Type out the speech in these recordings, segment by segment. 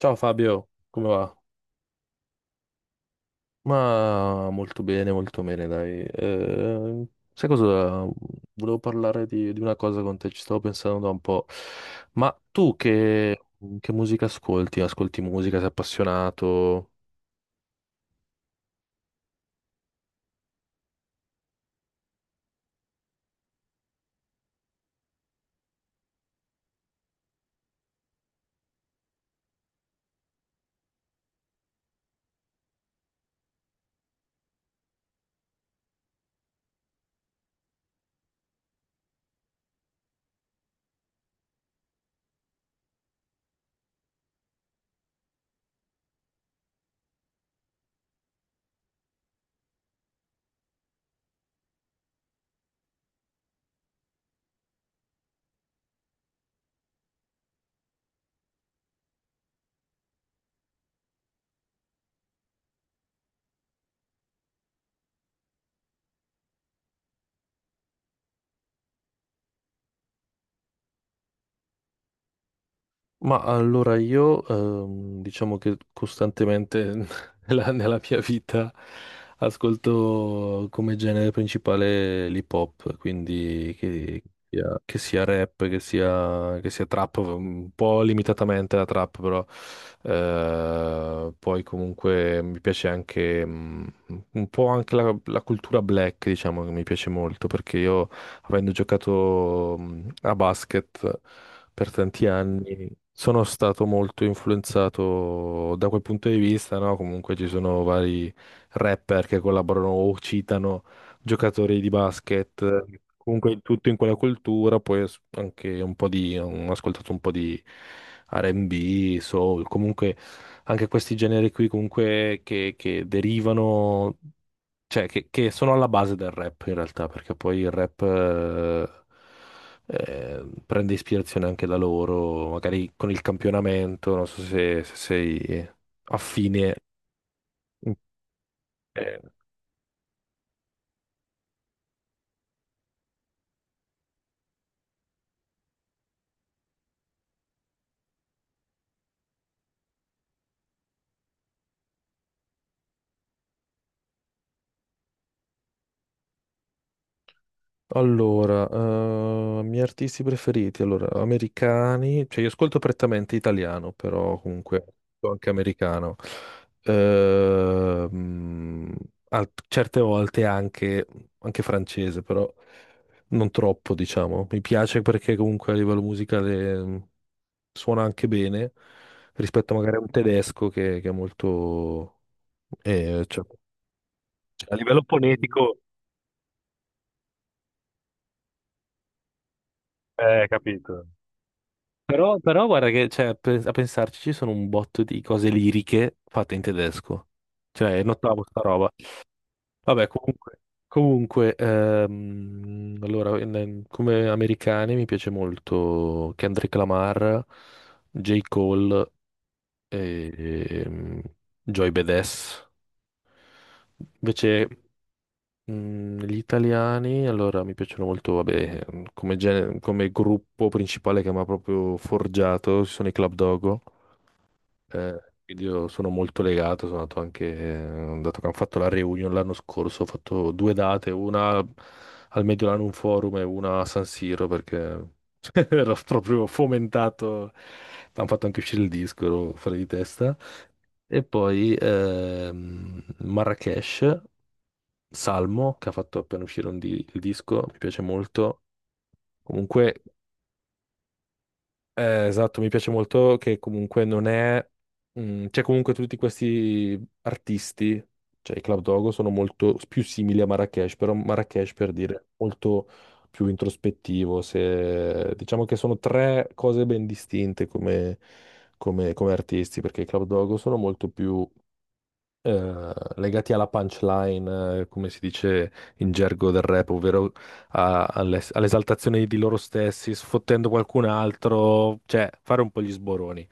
Ciao Fabio, come va? Ma molto bene, dai. Sai cosa? Volevo parlare di una cosa con te, ci stavo pensando da un po'. Ma tu che musica ascolti? Ascolti musica, sei appassionato? Ma allora io diciamo che costantemente nella mia vita ascolto come genere principale l'hip hop, quindi sia che sia rap, che sia trap, un po' limitatamente la trap però, poi comunque mi piace anche un po' anche la cultura black. Diciamo che mi piace molto perché io avendo giocato a basket per tanti anni, sono stato molto influenzato da quel punto di vista, no? Comunque ci sono vari rapper che collaborano o citano giocatori di basket. Comunque tutto in quella cultura, poi anche ho ascoltato un po' di R&B, soul, comunque anche questi generi qui comunque che derivano, cioè che sono alla base del rap in realtà, perché poi il rap prende ispirazione anche da loro, magari con il campionamento, non so se sei affine. Eh, Allora, miei artisti preferiti, allora, americani, cioè io ascolto prettamente italiano, però comunque sono anche americano. Ehm, Certe volte anche, francese, però non troppo, diciamo. Mi piace perché comunque a livello musicale suona anche bene rispetto magari a un tedesco che è molto, cioè, a livello fonetico, capito? Però, guarda che, cioè, a pensarci ci sono un botto di cose liriche fatte in tedesco. Cioè, notavo sta roba. Vabbè, comunque, allora, come americani mi piace molto Kendrick Lamar, J. Cole e ehm, Joy Badass. Invece, gli italiani, allora, mi piacciono molto, vabbè, come gruppo principale che mi ha proprio forgiato, ci sono i Club Dogo. Quindi io sono molto legato. Sono andato anche, dato che hanno fatto la reunion l'anno scorso, ho fatto due date, una al Mediolanum Forum e una a San Siro perché ero proprio fomentato, hanno fatto anche uscire il disco, ero fuori di testa. E poi Marrakesh, Salmo, che ha fatto appena uscire il disco, mi piace molto. Comunque. Esatto, mi piace molto che comunque non è. C'è comunque tutti questi artisti, cioè i Club Dogo sono molto più simili a Marrakesh, però Marrakesh per dire è molto più introspettivo. Se... Diciamo che sono tre cose ben distinte come artisti, perché i Club Dogo sono molto più legati alla punchline, come si dice in gergo del rap, ovvero all'esaltazione di loro stessi, sfottendo qualcun altro, cioè fare un po' gli sboroni.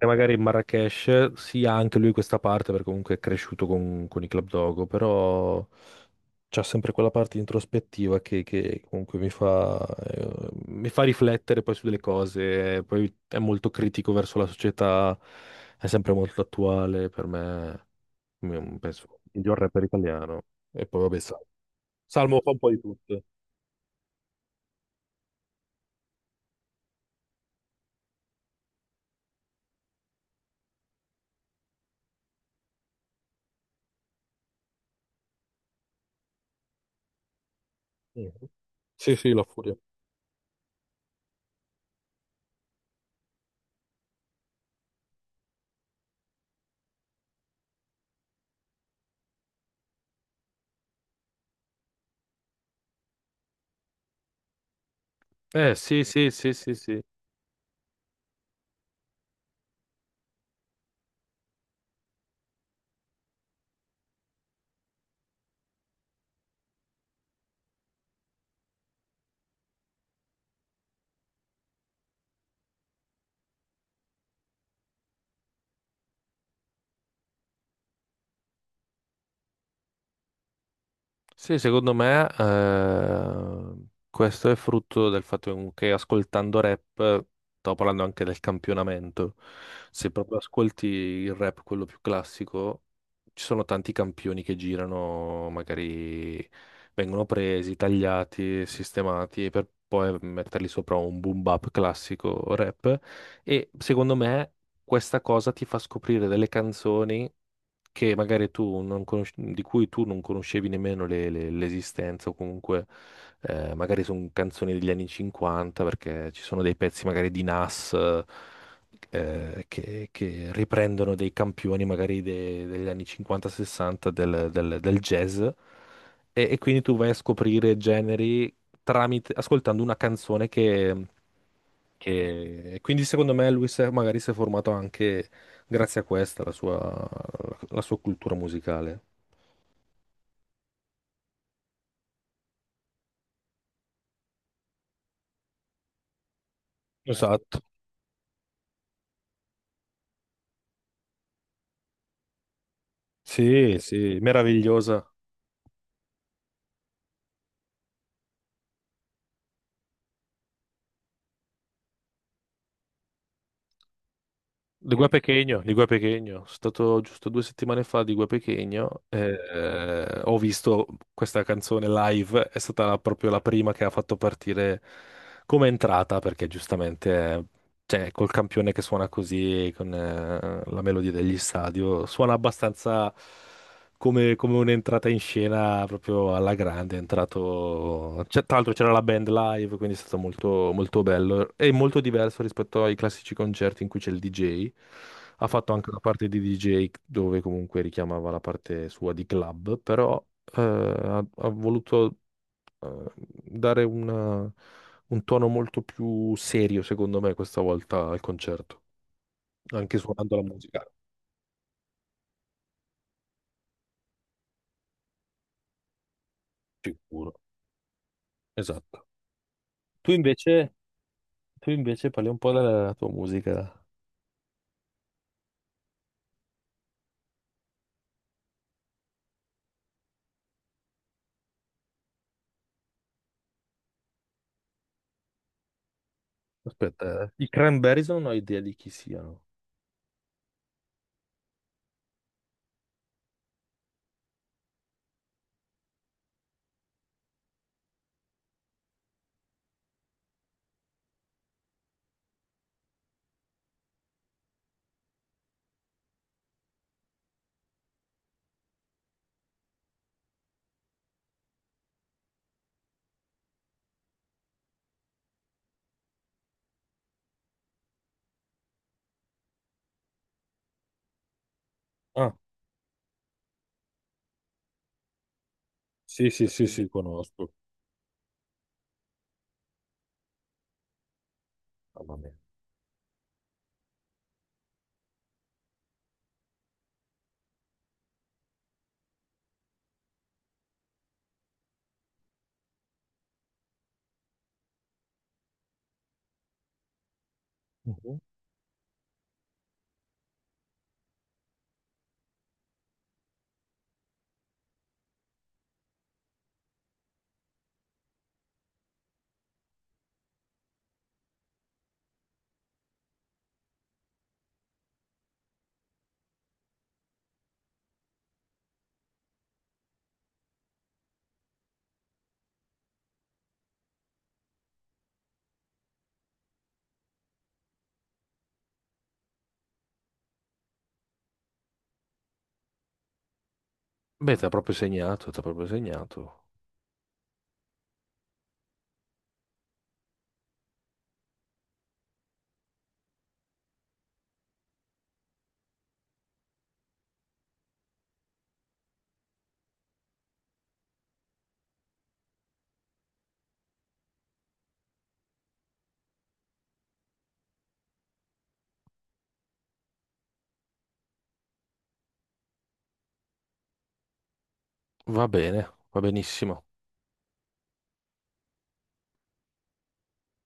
E magari in Marrakesh sia anche lui questa parte, perché comunque è cresciuto con i Club Dogo, però c'ha sempre quella parte introspettiva che comunque mi fa riflettere poi su delle cose. Poi è molto critico verso la società, è sempre molto attuale, per me penso miglior rapper italiano. E poi vabbè, Salmo fa un po' di tutto. Mhm. Sì, sì, la furia. Eh sì, sì, sì, sì, sì. Sì, secondo me questo è frutto del fatto che comunque ascoltando rap, stavo parlando anche del campionamento, se proprio ascolti il rap, quello più classico, ci sono tanti campioni che girano, magari vengono presi, tagliati, sistemati per poi metterli sopra un boom bap classico rap, e secondo me questa cosa ti fa scoprire delle canzoni che magari tu non conosci- di cui tu non conoscevi nemmeno l'esistenza, o comunque magari sono canzoni degli anni 50, perché ci sono dei pezzi magari di Nas che riprendono dei campioni magari degli anni 50-60 del jazz. E, quindi tu vai a scoprire generi tramite, ascoltando una canzone. Quindi secondo me lui magari si è formato anche grazie a questa, la sua cultura musicale. Esatto. Sì, sì, meravigliosa. Liguria Pechegno, Liguria Pechegno. Sono stato giusto 2 settimane fa a Liguria Pechegno e ho visto questa canzone live. È stata proprio la prima che ha fatto partire come entrata, perché giustamente, cioè, col campione che suona così, con la melodia degli stadio, suona abbastanza come un'entrata in scena proprio alla grande. È entrato. Tra l'altro c'era la band live, quindi è stato molto, molto bello. È molto diverso rispetto ai classici concerti in cui c'è il DJ. Ha fatto anche una parte di DJ dove comunque richiamava la parte sua di club, però ha voluto eh, dare un tono molto più serio, secondo me, questa volta al concerto, anche suonando la musica, sicuro. Esatto. Tu invece? Tu invece parli un po' della tua musica. Aspetta, eh. I Cranberries non ho idea di chi siano. Ah, sì, sì, sì, sì, conosco. Mamma mia. Mhm. Beh, ti ha proprio segnato, ti ha proprio segnato. Va bene, va benissimo.